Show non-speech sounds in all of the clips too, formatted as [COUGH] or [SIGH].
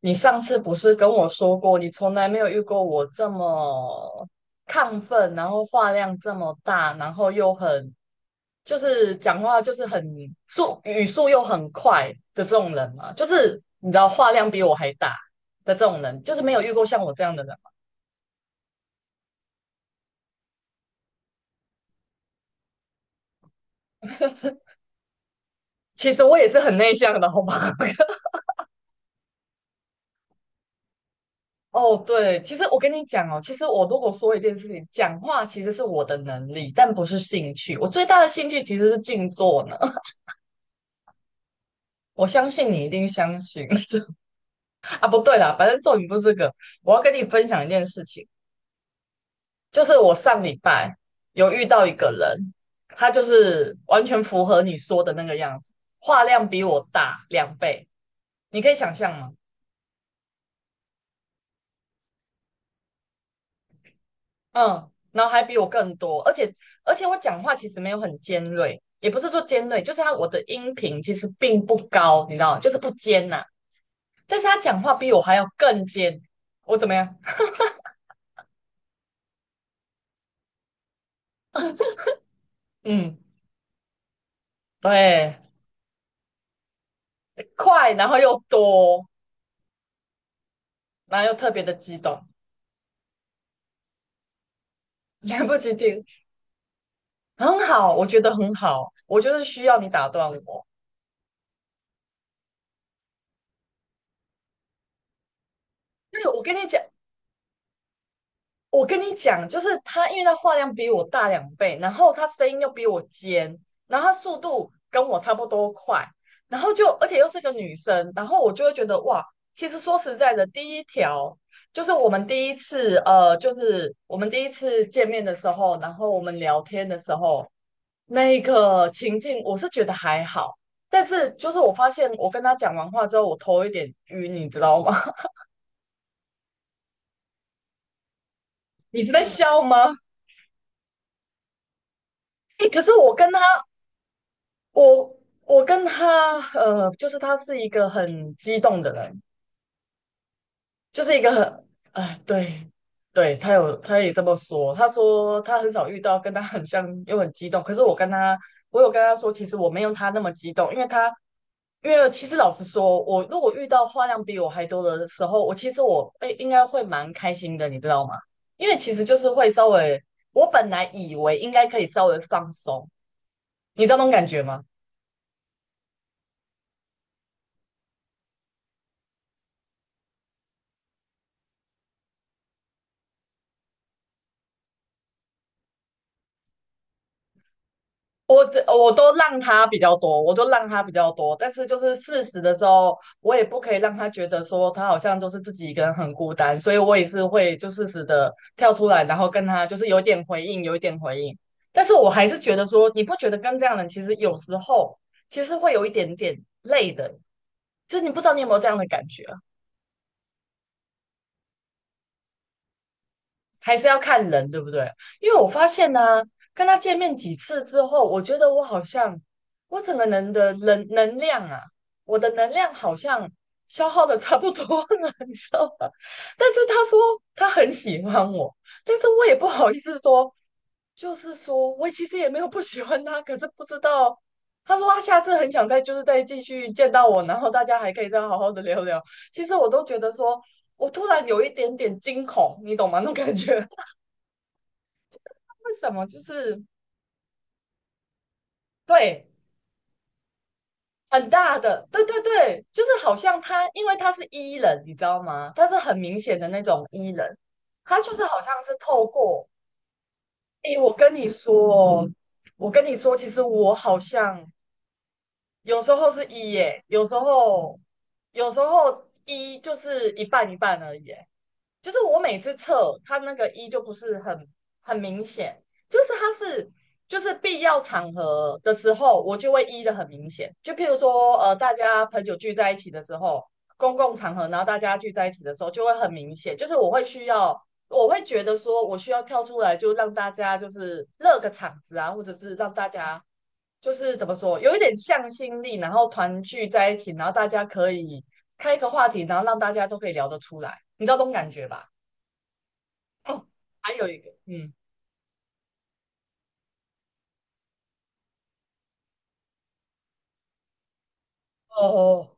你上次不是跟我说过，你从来没有遇过我这么亢奋，然后话量这么大，然后又很，就是讲话就是很速，语速又很快的这种人嘛？就是你知道话量比我还大的这种人，就是没有遇过像我这样的人嘛。其实我也是很内向的，好吗？[LAUGHS] 哦，对，其实我跟你讲哦，其实我如果说一件事情，讲话其实是我的能力，但不是兴趣。我最大的兴趣其实是静坐呢。我相信你一定相信。 [LAUGHS] 啊！不对啦，反正重点不是这个。我要跟你分享一件事情，就是我上礼拜有遇到一个人，他就是完全符合你说的那个样子，话量比我大两倍，你可以想象吗？嗯，然后还比我更多，而且我讲话其实没有很尖锐，也不是说尖锐，就是他我的音频其实并不高，你知道吗，就是不尖呐、但是他讲话比我还要更尖，我怎么样？嗯，对。快，然后又多，然后又特别的激动。[LAUGHS] 来不及听，很好，我觉得很好，我就是需要你打断我。对，我跟你讲，我跟你讲，就是他，因为他话量比我大两倍，然后他声音又比我尖，然后他速度跟我差不多快，然后就而且又是个女生，然后我就会觉得哇，其实说实在的，第一条。就是我们第一次，就是我们第一次见面的时候，然后我们聊天的时候，那个情境，我是觉得还好，但是就是我发现我跟他讲完话之后，我头有点晕，你知道吗？[LAUGHS] 你是在笑吗？哎、可是我跟他，我我跟他，就是他是一个很激动的人，就是一个很，哎，对，对，他有，他也这么说。他说他很少遇到跟他很像又很激动，可是我跟他，我有跟他说，其实我没有他那么激动，因为他，因为其实老实说，我如果遇到话量比我还多的时候，我其实我哎应该会蛮开心的，你知道吗？因为其实就是会稍微，我本来以为应该可以稍微放松，你知道那种感觉吗？我都让他比较多，我都让他比较多，但是就是事实的时候，我也不可以让他觉得说他好像就是自己一个人很孤单，所以我也是会就适时的跳出来，然后跟他就是有点回应，有一点回应。但是我还是觉得说，你不觉得跟这样的人其实有时候其实会有一点点累的，就是你不知道你有没有这样的感觉啊？还是要看人，对不对？因为我发现呢、跟他见面几次之后，我觉得我好像我整个人的能量啊，我的能量好像消耗的差不多了。[LAUGHS] 你知道吗？但是他说他很喜欢我，但是我也不好意思说，就是说我其实也没有不喜欢他，可是不知道。他说他下次很想再就是再继续见到我，然后大家还可以再好好的聊聊。其实我都觉得说，我突然有一点点惊恐，你懂吗？那种感觉。为什么就是对很大的，对对对，就是好像他，因为他是 E 人，你知道吗？他是很明显的那种 E 人，他就是好像是透过，诶，我跟你说哦，我跟你说，其实我好像有时候是 E 耶，有时候有时候 E 就是一半一半而已耶，就是我每次测它那个一就不是很明显，就是它是就是必要场合的时候，我就会一的很明显。就譬如说，大家朋友聚在一起的时候，公共场合，然后大家聚在一起的时候，就会很明显。就是我会需要，我会觉得说我需要跳出来，就让大家就是热个场子啊，或者是让大家就是怎么说，有一点向心力，然后团聚在一起，然后大家可以开一个话题，然后让大家都可以聊得出来，你知道这种感觉吧？哦，还有一个，嗯，哦，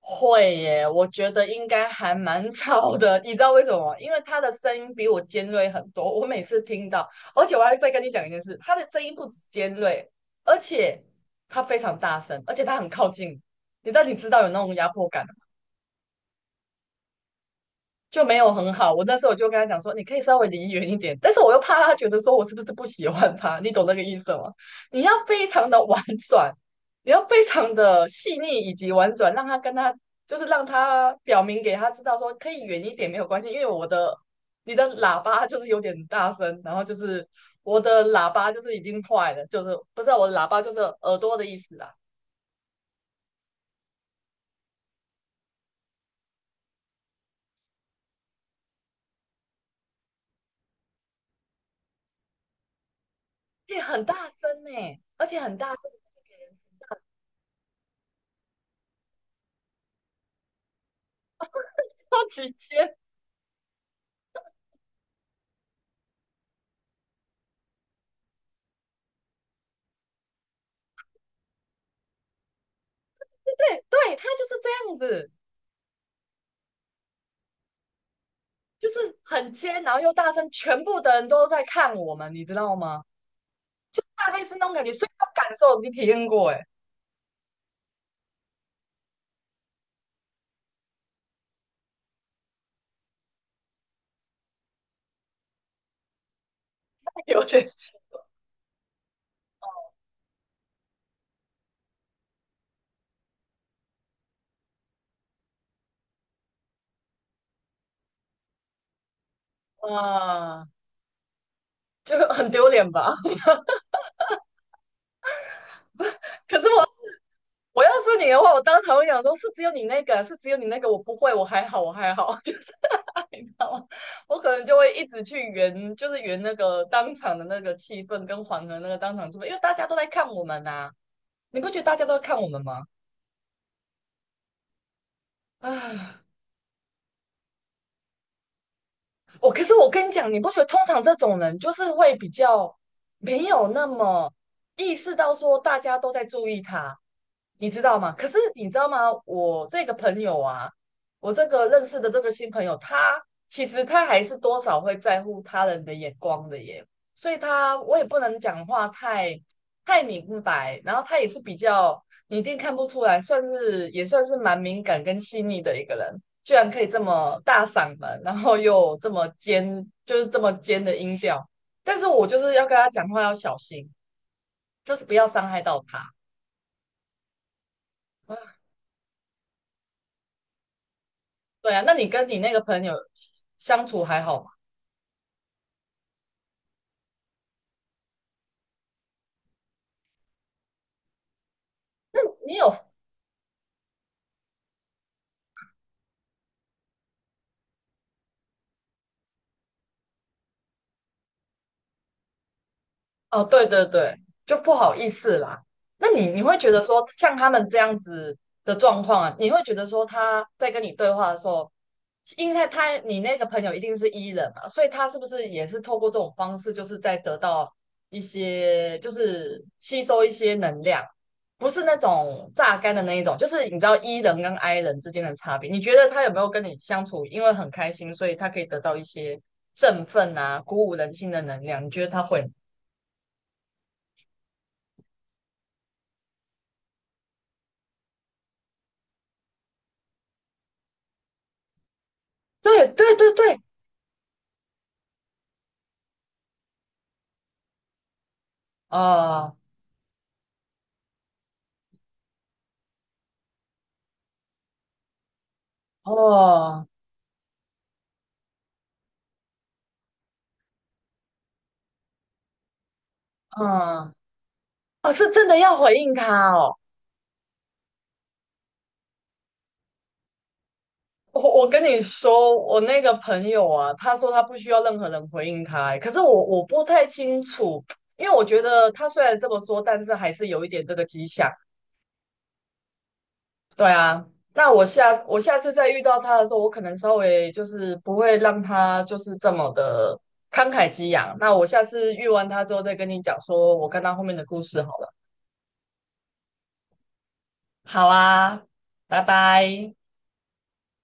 会耶，我觉得应该还蛮吵的。[LAUGHS] 你知道为什么吗？因为他的声音比我尖锐很多，我每次听到，而且我还再跟你讲一件事，他的声音不止尖锐，而且他非常大声，而且他很靠近，你到底知道有那种压迫感就没有很好。我那时候我就跟他讲说，你可以稍微离远一点，但是我又怕他觉得说我是不是不喜欢他，你懂那个意思吗？你要非常的婉转，你要非常的细腻以及婉转，让他跟他就是让他表明给他知道说可以远一点没有关系，因为我的你的喇叭就是有点大声，然后就是我的喇叭就是已经坏了，就是不是啊我的喇叭就是耳朵的意思啊，也很大声呢、而且很大声，超级尖，对对对，他就是这样子。就是很尖，然后又大声，全部的人都在看我们，你知道吗？就大概是那种感觉，所以我感受你体验过，哎。[LAUGHS] 有点啊。 [LAUGHS]，就很丢脸吧。[LAUGHS] 可是我要是你的话，我当场会想说，是只有你那个，是只有你那个，我不会，我还好，我还好。[LAUGHS] 就是你知道吗？我可能就会一直去圆，就是圆那个当场的那个气氛跟缓和那个当场气氛，因为大家都在看我们呐、你不觉得大家都在看我们吗？[SIGHS] 啊。可是我跟你讲，你不觉得通常这种人就是会比较没有那么意识到说大家都在注意他，你知道吗？可是你知道吗？我这个朋友啊，我这个认识的这个新朋友，他其实他还是多少会在乎他人的眼光的耶，所以他我也不能讲话太明白，然后他也是比较你一定看不出来，算是也算是蛮敏感跟细腻的一个人。居然可以这么大嗓门，然后又这么尖，就是这么尖的音调。但是我就是要跟他讲话要小心，就是不要伤害到他。啊对啊，那你跟你那个朋友相处还好吗？你有哦，对对对，就不好意思啦。那你会觉得说，像他们这样子的状况啊，你会觉得说他在跟你对话的时候，因为他你那个朋友一定是 E 人嘛，所以他是不是也是透过这种方式，就是在得到一些，就是吸收一些能量，不是那种榨干的那一种，就是你知道 E 人跟 I 人之间的差别。你觉得他有没有跟你相处，因为很开心，所以他可以得到一些振奋啊、鼓舞人心的能量？你觉得他会吗对对对对，哦哦，嗯，哦，是真的要回应他哦。我跟你说，我那个朋友啊，他说他不需要任何人回应他欸可是我不太清楚，因为我觉得他虽然这么说，但是还是有一点这个迹象。对啊，那我下次再遇到他的时候，我可能稍微就是不会让他就是这么的慷慨激昂。那我下次遇完他之后再跟你讲，说我跟他后面的故事好了。好啊，拜拜。